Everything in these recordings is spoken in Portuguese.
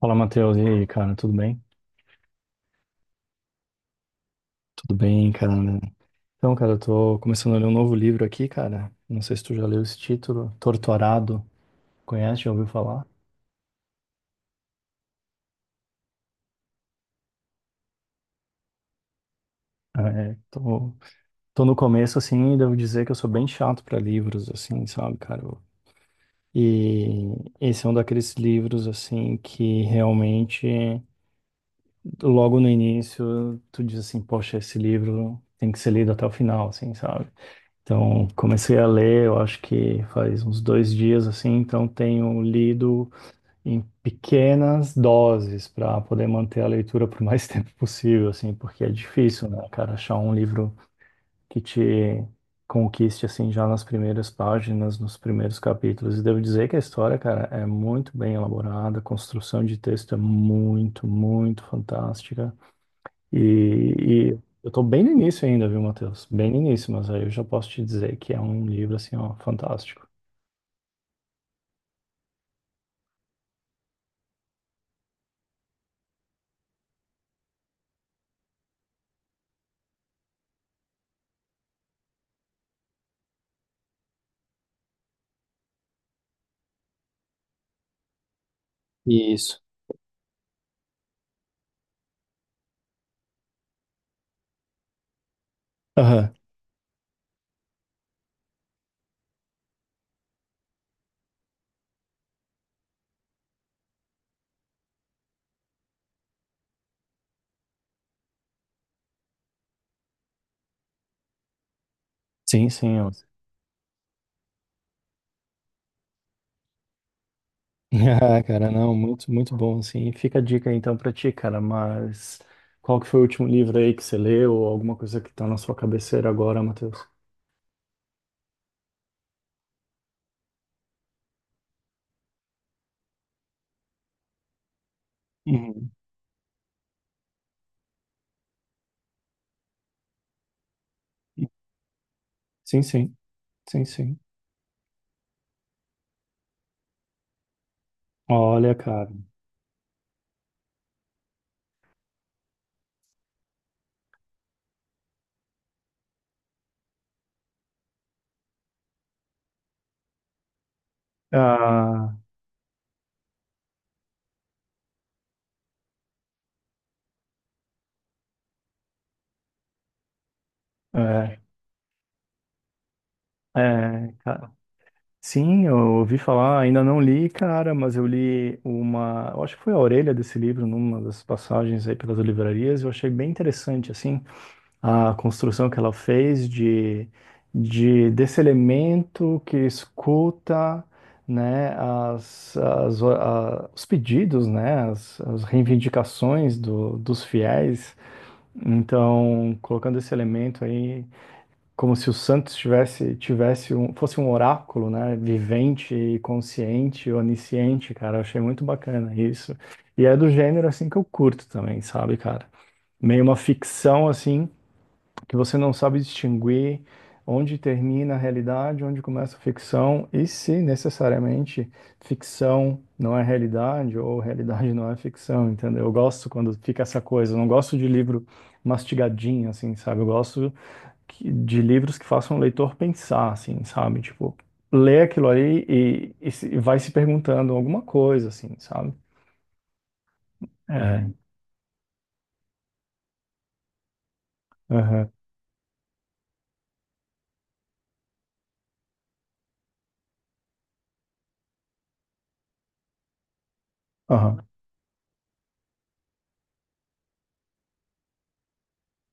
Fala, Matheus. E aí, cara, tudo bem? Tudo bem, cara. Então, cara, eu tô começando a ler um novo livro aqui, cara. Não sei se tu já leu esse título, Torturado. Conhece? Já ouviu falar? É, tô no começo, assim, e devo dizer que eu sou bem chato pra livros, assim, sabe, cara? E esse é um daqueles livros, assim, que realmente, logo no início, tu diz assim, poxa, esse livro tem que ser lido até o final, assim, sabe? Então, comecei a ler, eu acho que faz uns dois dias assim, então tenho lido em pequenas doses para poder manter a leitura por mais tempo possível, assim, porque é difícil, né, cara, achar um livro que te conquiste assim já nas primeiras páginas, nos primeiros capítulos. E devo dizer que a história, cara, é muito bem elaborada, a construção de texto é muito, muito fantástica. E, e eu tô bem no início ainda, viu, Matheus? Bem no início, mas aí eu já posso te dizer que é um livro, assim, ó, fantástico. Isso. Aham. Sim, sim, ó. Ah, cara, não, muito, muito bom, assim. Fica a dica, então, pra ti, cara, mas qual que foi o último livro aí que você leu ou alguma coisa que tá na sua cabeceira agora, Matheus? Uhum. Sim, sim. Sim, sim. Olha, cara. Ah, é, é, cara. Sim, eu ouvi falar, ainda não li, cara, mas eu li uma, eu acho que foi a orelha desse livro, numa das passagens aí pelas livrarias, eu achei bem interessante, assim, a construção que ela fez de desse elemento que escuta, né, os pedidos, né, as reivindicações dos fiéis, então, colocando esse elemento aí como se o Santos fosse um oráculo, né? Vivente, e consciente, onisciente, cara. Eu achei muito bacana isso. E é do gênero assim que eu curto também, sabe, cara? Meio uma ficção assim que você não sabe distinguir onde termina a realidade, onde começa a ficção e se necessariamente ficção não é realidade ou realidade não é ficção, entendeu? Eu gosto quando fica essa coisa. Eu não gosto de livro mastigadinho, assim, sabe? Eu gosto de livros que façam o leitor pensar, assim, sabe? Tipo, lê aquilo ali e, e vai se perguntando alguma coisa, assim, sabe? É. Aham. Aham.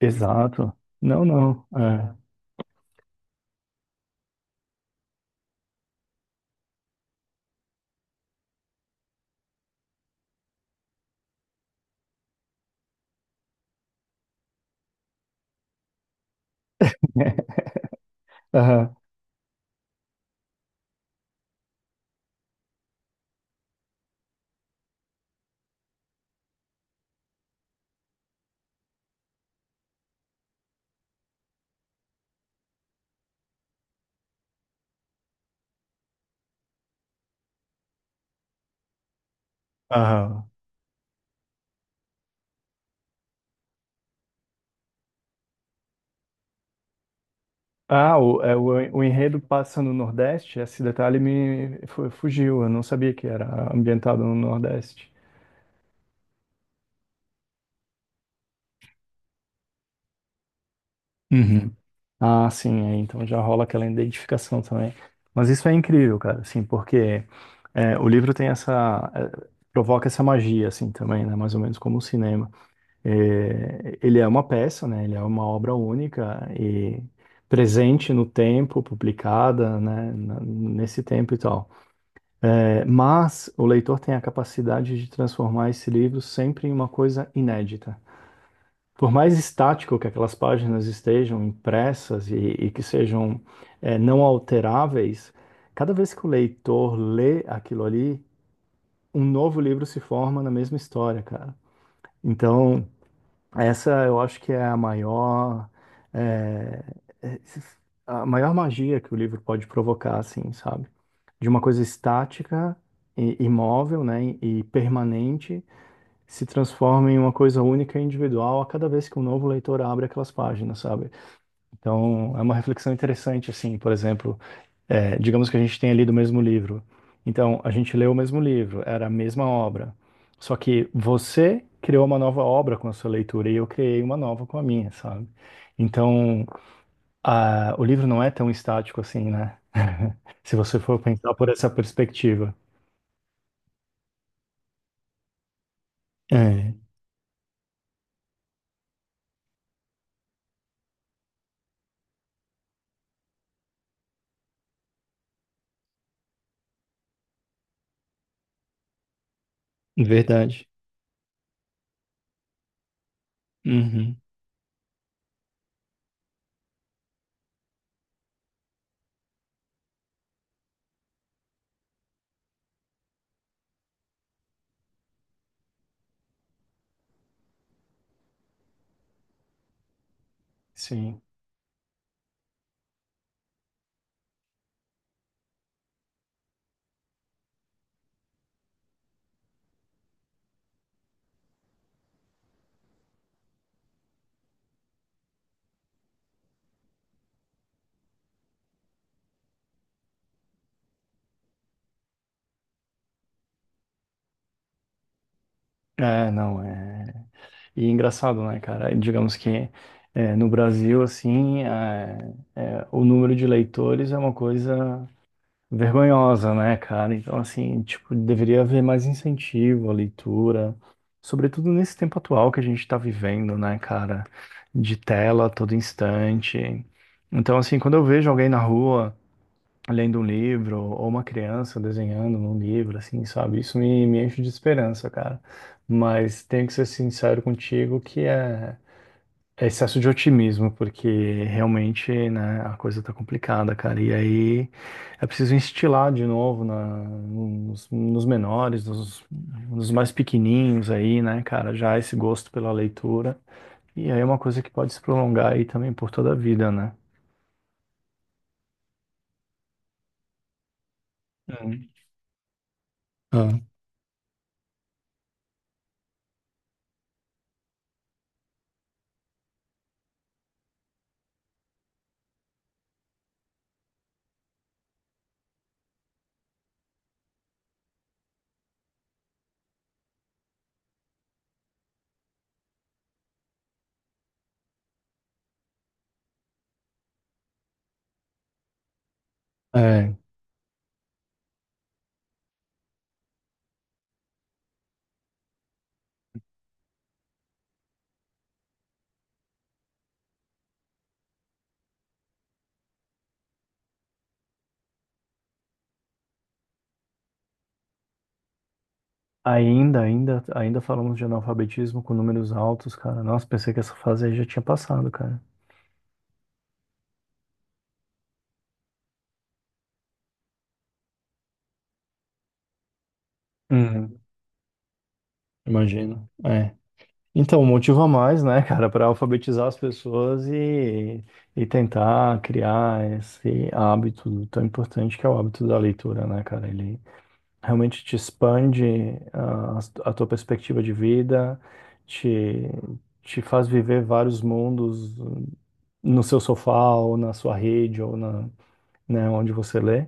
Exato. Não, não. É. Aham. Aham. Ah, o enredo passa no Nordeste, esse detalhe me fugiu, eu não sabia que era ambientado no Nordeste. Ah, sim, é, então já rola aquela identificação também. Mas isso é incrível, cara, assim, porque é, o livro tem essa, é, provoca essa magia, assim, também, né? Mais ou menos como o cinema. É, ele é uma peça, né? Ele é uma obra única e presente no tempo, publicada, né? Nesse tempo e tal. É, mas o leitor tem a capacidade de transformar esse livro sempre em uma coisa inédita. Por mais estático que aquelas páginas estejam impressas e que sejam não alteráveis, cada vez que o leitor lê aquilo ali, um novo livro se forma na mesma história, cara. Então, essa eu acho que é a maior, eh, eh, a maior magia que o livro pode provocar, assim, sabe? De uma coisa estática e imóvel, né, e permanente se transforma em uma coisa única e individual a cada vez que um novo leitor abre aquelas páginas, sabe? Então, é uma reflexão interessante, assim, por exemplo, é, digamos que a gente tenha lido o mesmo livro. Então, a gente leu o mesmo livro, era a mesma obra. Só que você criou uma nova obra com a sua leitura e eu criei uma nova com a minha, sabe? Então, o livro não é tão estático assim, né? Se você for pensar por essa perspectiva. É, verdade. Uhum. Sim. É, não, é. E é engraçado, né, cara? Digamos que no Brasil, assim, o número de leitores é uma coisa vergonhosa, né, cara? Então, assim, tipo, deveria haver mais incentivo à leitura, sobretudo nesse tempo atual que a gente tá vivendo, né, cara? De tela a todo instante. Então, assim, quando eu vejo alguém na rua lendo um livro, ou uma criança desenhando num livro, assim, sabe? Isso me enche de esperança, cara. Mas tenho que ser sincero contigo que é, é excesso de otimismo, porque realmente, né, a coisa tá complicada, cara. E aí é preciso instilar de novo nos menores, nos mais pequenininhos aí, né, cara, já esse gosto pela leitura. E aí é uma coisa que pode se prolongar aí também por toda a vida, né? Hum. Ah, é. Ainda falamos de analfabetismo com números altos, cara. Nossa, pensei que essa fase aí já tinha passado, cara. Uhum, imagino. É. Então, motivo a mais, né, cara, para alfabetizar as pessoas e tentar criar esse hábito tão importante que é o hábito da leitura, né, cara? Ele realmente te expande a tua perspectiva de vida, te, te faz viver vários mundos no seu sofá, ou na sua rede, ou na, né, onde você lê,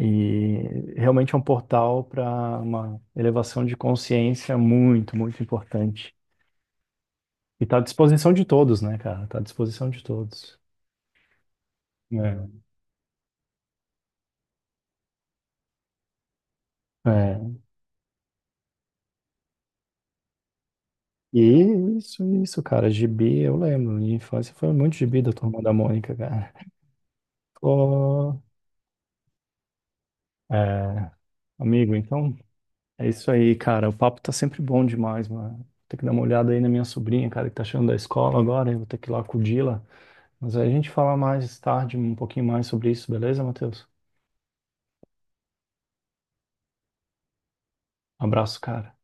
e realmente é um portal para uma elevação de consciência muito, muito importante. E está à disposição de todos, né, cara? Está à disposição de todos. É. É. E isso, cara, gibi, eu lembro, minha infância foi muito gibi da Turma da Mônica, cara. Ô, é, amigo, então é isso aí, cara. O papo tá sempre bom demais, mano. Vou ter que dar uma olhada aí na minha sobrinha, cara, que tá chegando da escola agora, eu vou ter que ir lá acudi-la. Mas aí a gente fala mais tarde um pouquinho mais sobre isso, beleza, Matheus? Abraço, cara.